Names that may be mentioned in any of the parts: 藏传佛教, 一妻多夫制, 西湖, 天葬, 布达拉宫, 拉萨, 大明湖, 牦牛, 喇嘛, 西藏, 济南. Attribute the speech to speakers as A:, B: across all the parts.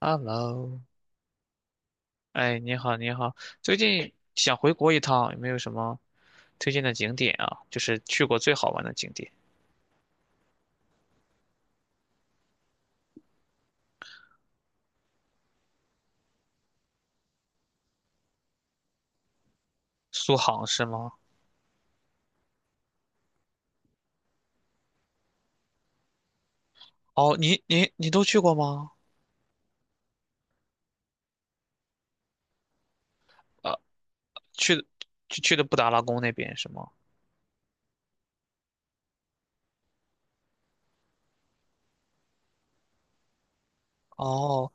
A: Hello，哎，你好，你好，最近想回国一趟，有没有什么推荐的景点啊？就是去过最好玩的景点，苏杭是吗？哦，你都去过吗？呃，去的去的布达拉宫那边是吗？哦，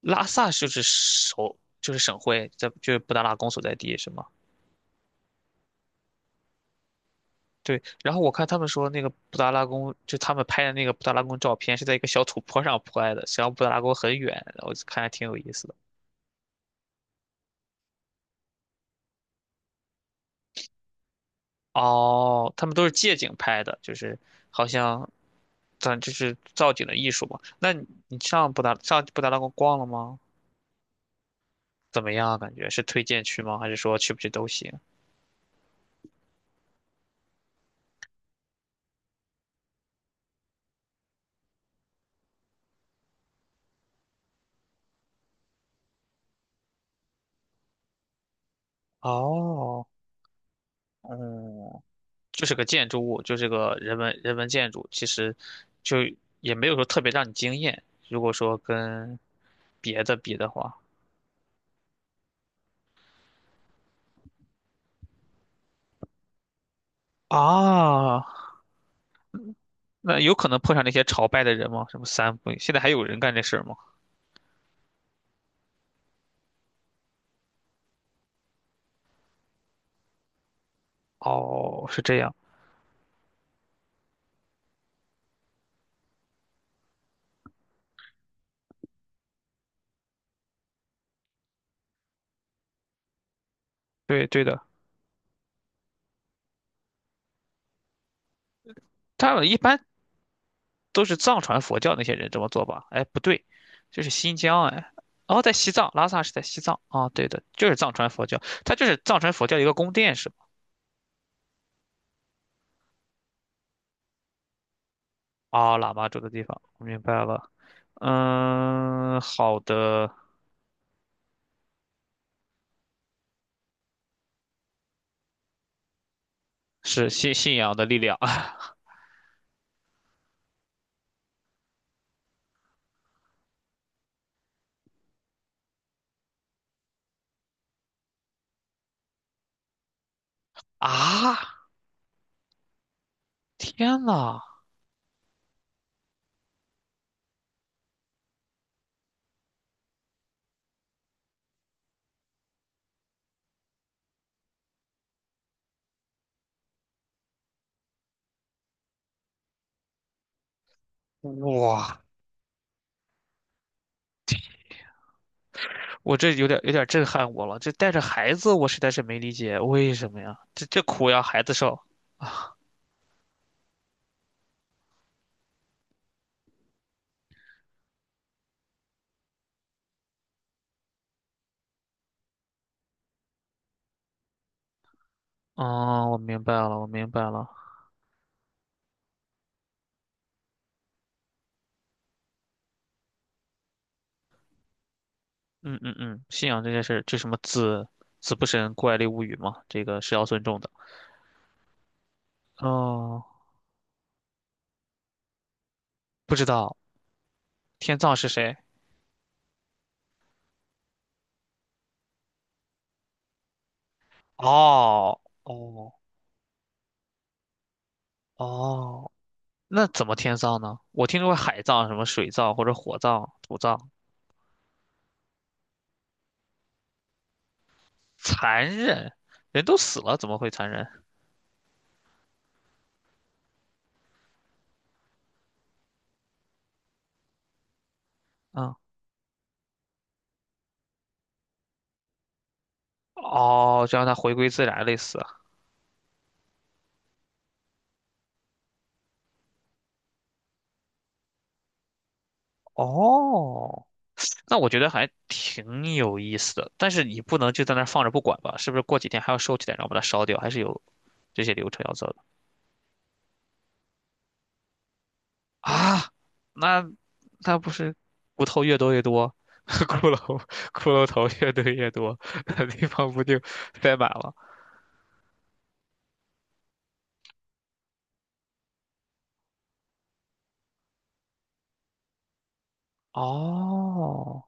A: 拉萨就是首就是省会，在就是布达拉宫所在地是吗？对，然后我看他们说那个布达拉宫，就他们拍的那个布达拉宫照片是在一个小土坡上 拍的，实际上布达拉宫很远，我看还挺有意思的。哦，他们都是借景拍的，就是好像咱就是造景的艺术嘛。那你上布达拉宫逛了吗？怎么样啊？感觉是推荐去吗？还是说去不去都行？哦，嗯，就是个建筑物，就是个人文建筑，其实就也没有说特别让你惊艳。如果说跟别的比的话，啊，那有可能碰上那些朝拜的人吗？什么三不，现在还有人干这事儿吗？哦，是这样，对对的。他们一般都是藏传佛教那些人这么做吧？哎，不对，这是新疆哎，哦，在西藏，拉萨是在西藏啊，对的，就是藏传佛教，它就是藏传佛教一个宫殿是吧？啊，喇嘛住的地方，我明白了。嗯，好的，是信仰的力量 啊！天呐，哇，我这有点震撼我了，这带着孩子，我实在是没理解为什么呀？这苦要孩子受。哦，我明白了，我明白了。嗯嗯嗯，信仰这件事，这什么子子不神怪力物语嘛，这个是要尊重的。哦，不知道天葬是谁？哦哦哦，那怎么天葬呢？我听说过海葬、什么水葬或者火葬、土葬，残忍，人都死了怎么会残忍？啊、哦，就让它回归自然，类似。哦，那我觉得还挺有意思的，但是你不能就在那儿放着不管吧？是不是过几天还要收起来，然后把它烧掉？还是有这些流程要做的啊？那那不是骨头越多越多，骷髅骷髅头越堆越多，那地方不就塞满了？哦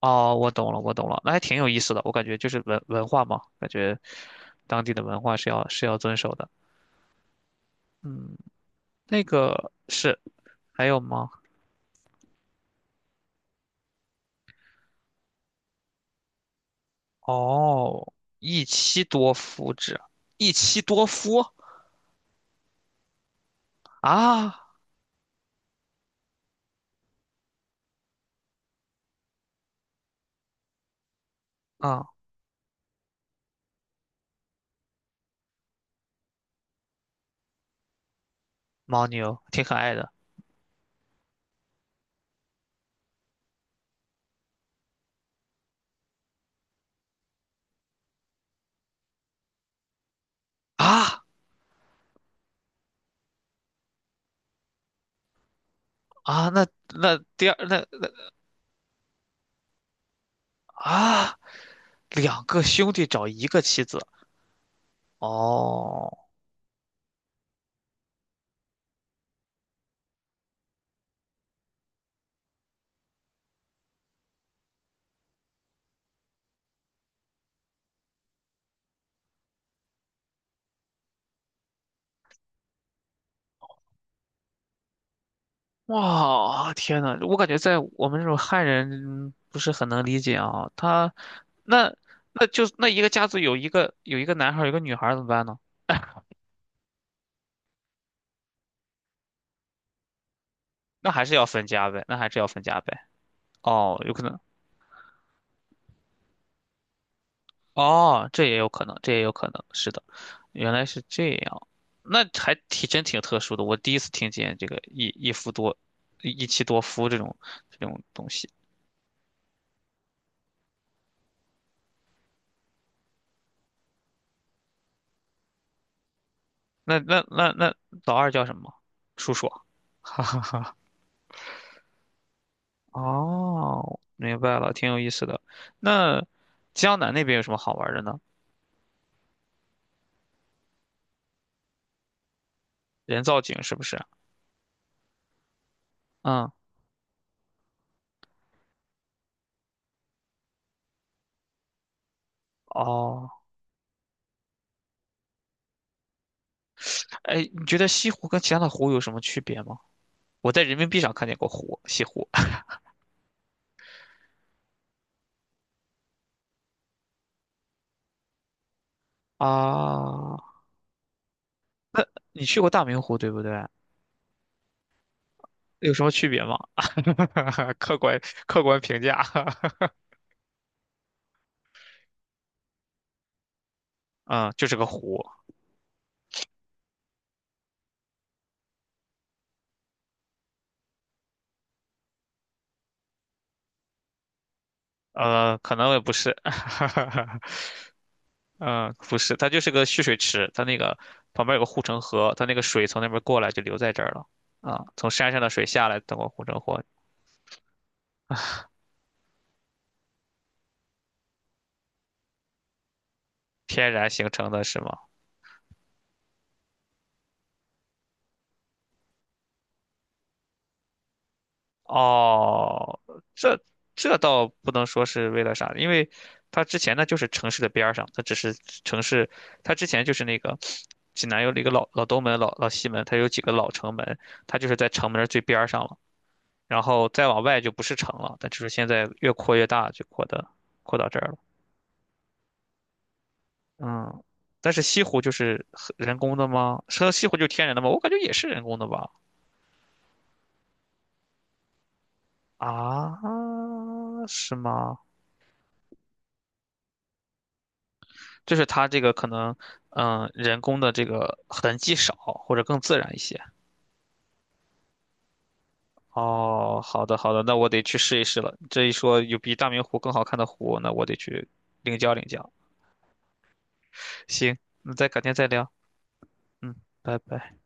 A: 哦，我懂了，我懂了，那还挺有意思的。我感觉就是文化嘛，感觉当地的文化是要遵守的。嗯，那个是还有吗？哦，一妻多夫制，一妻多夫啊，啊，牦牛挺可爱的啊啊，那第二那啊，两个兄弟找一个妻子，哦，哇，天呐，我感觉在我们这种汉人不是很能理解啊，他那那就那一个家族有一个男孩儿有一个女孩儿怎么办呢？那还是要分家呗，那还是要分家呗。哦，有可能。哦，这也有可能，这也有可能，是的，原来是这样，那还挺真挺特殊的，我第一次听见这个一妻多夫这种东西。那老二叫什么？叔叔。哦，明白了，挺有意思的。那江南那边有什么好玩的呢？人造景是不是？嗯，哦，哎，你觉得西湖跟其他的湖有什么区别吗？我在人民币上看见过湖，西湖 啊。你去过大明湖对不对？有什么区别吗？客观客观评价，嗯，就是个湖，可能也不是，嗯，不是，它就是个蓄水池，它那个旁边有个护城河，它那个水从那边过来就流在这儿了，啊，从山上的水下来，通过护城河天然形成的是吗？哦，这这倒不能说是为了啥，因为它之前呢就是城市的边儿上，它只是城市，它之前就是那个济南有一个老东门、老西门，它有几个老城门，它就是在城门儿最边儿上了，然后再往外就不是城了，但就是现在越扩越大，就扩到这儿了。嗯，但是西湖就是很人工的吗？说西湖就是天然的吗？我感觉也是人工的吧。啊，是吗？就是它这个可能，嗯，人工的这个痕迹少，或者更自然一些。哦，好的好的，那我得去试一试了。这一说有比大明湖更好看的湖，那我得去领教领教。行，那再改天再聊。嗯，拜拜。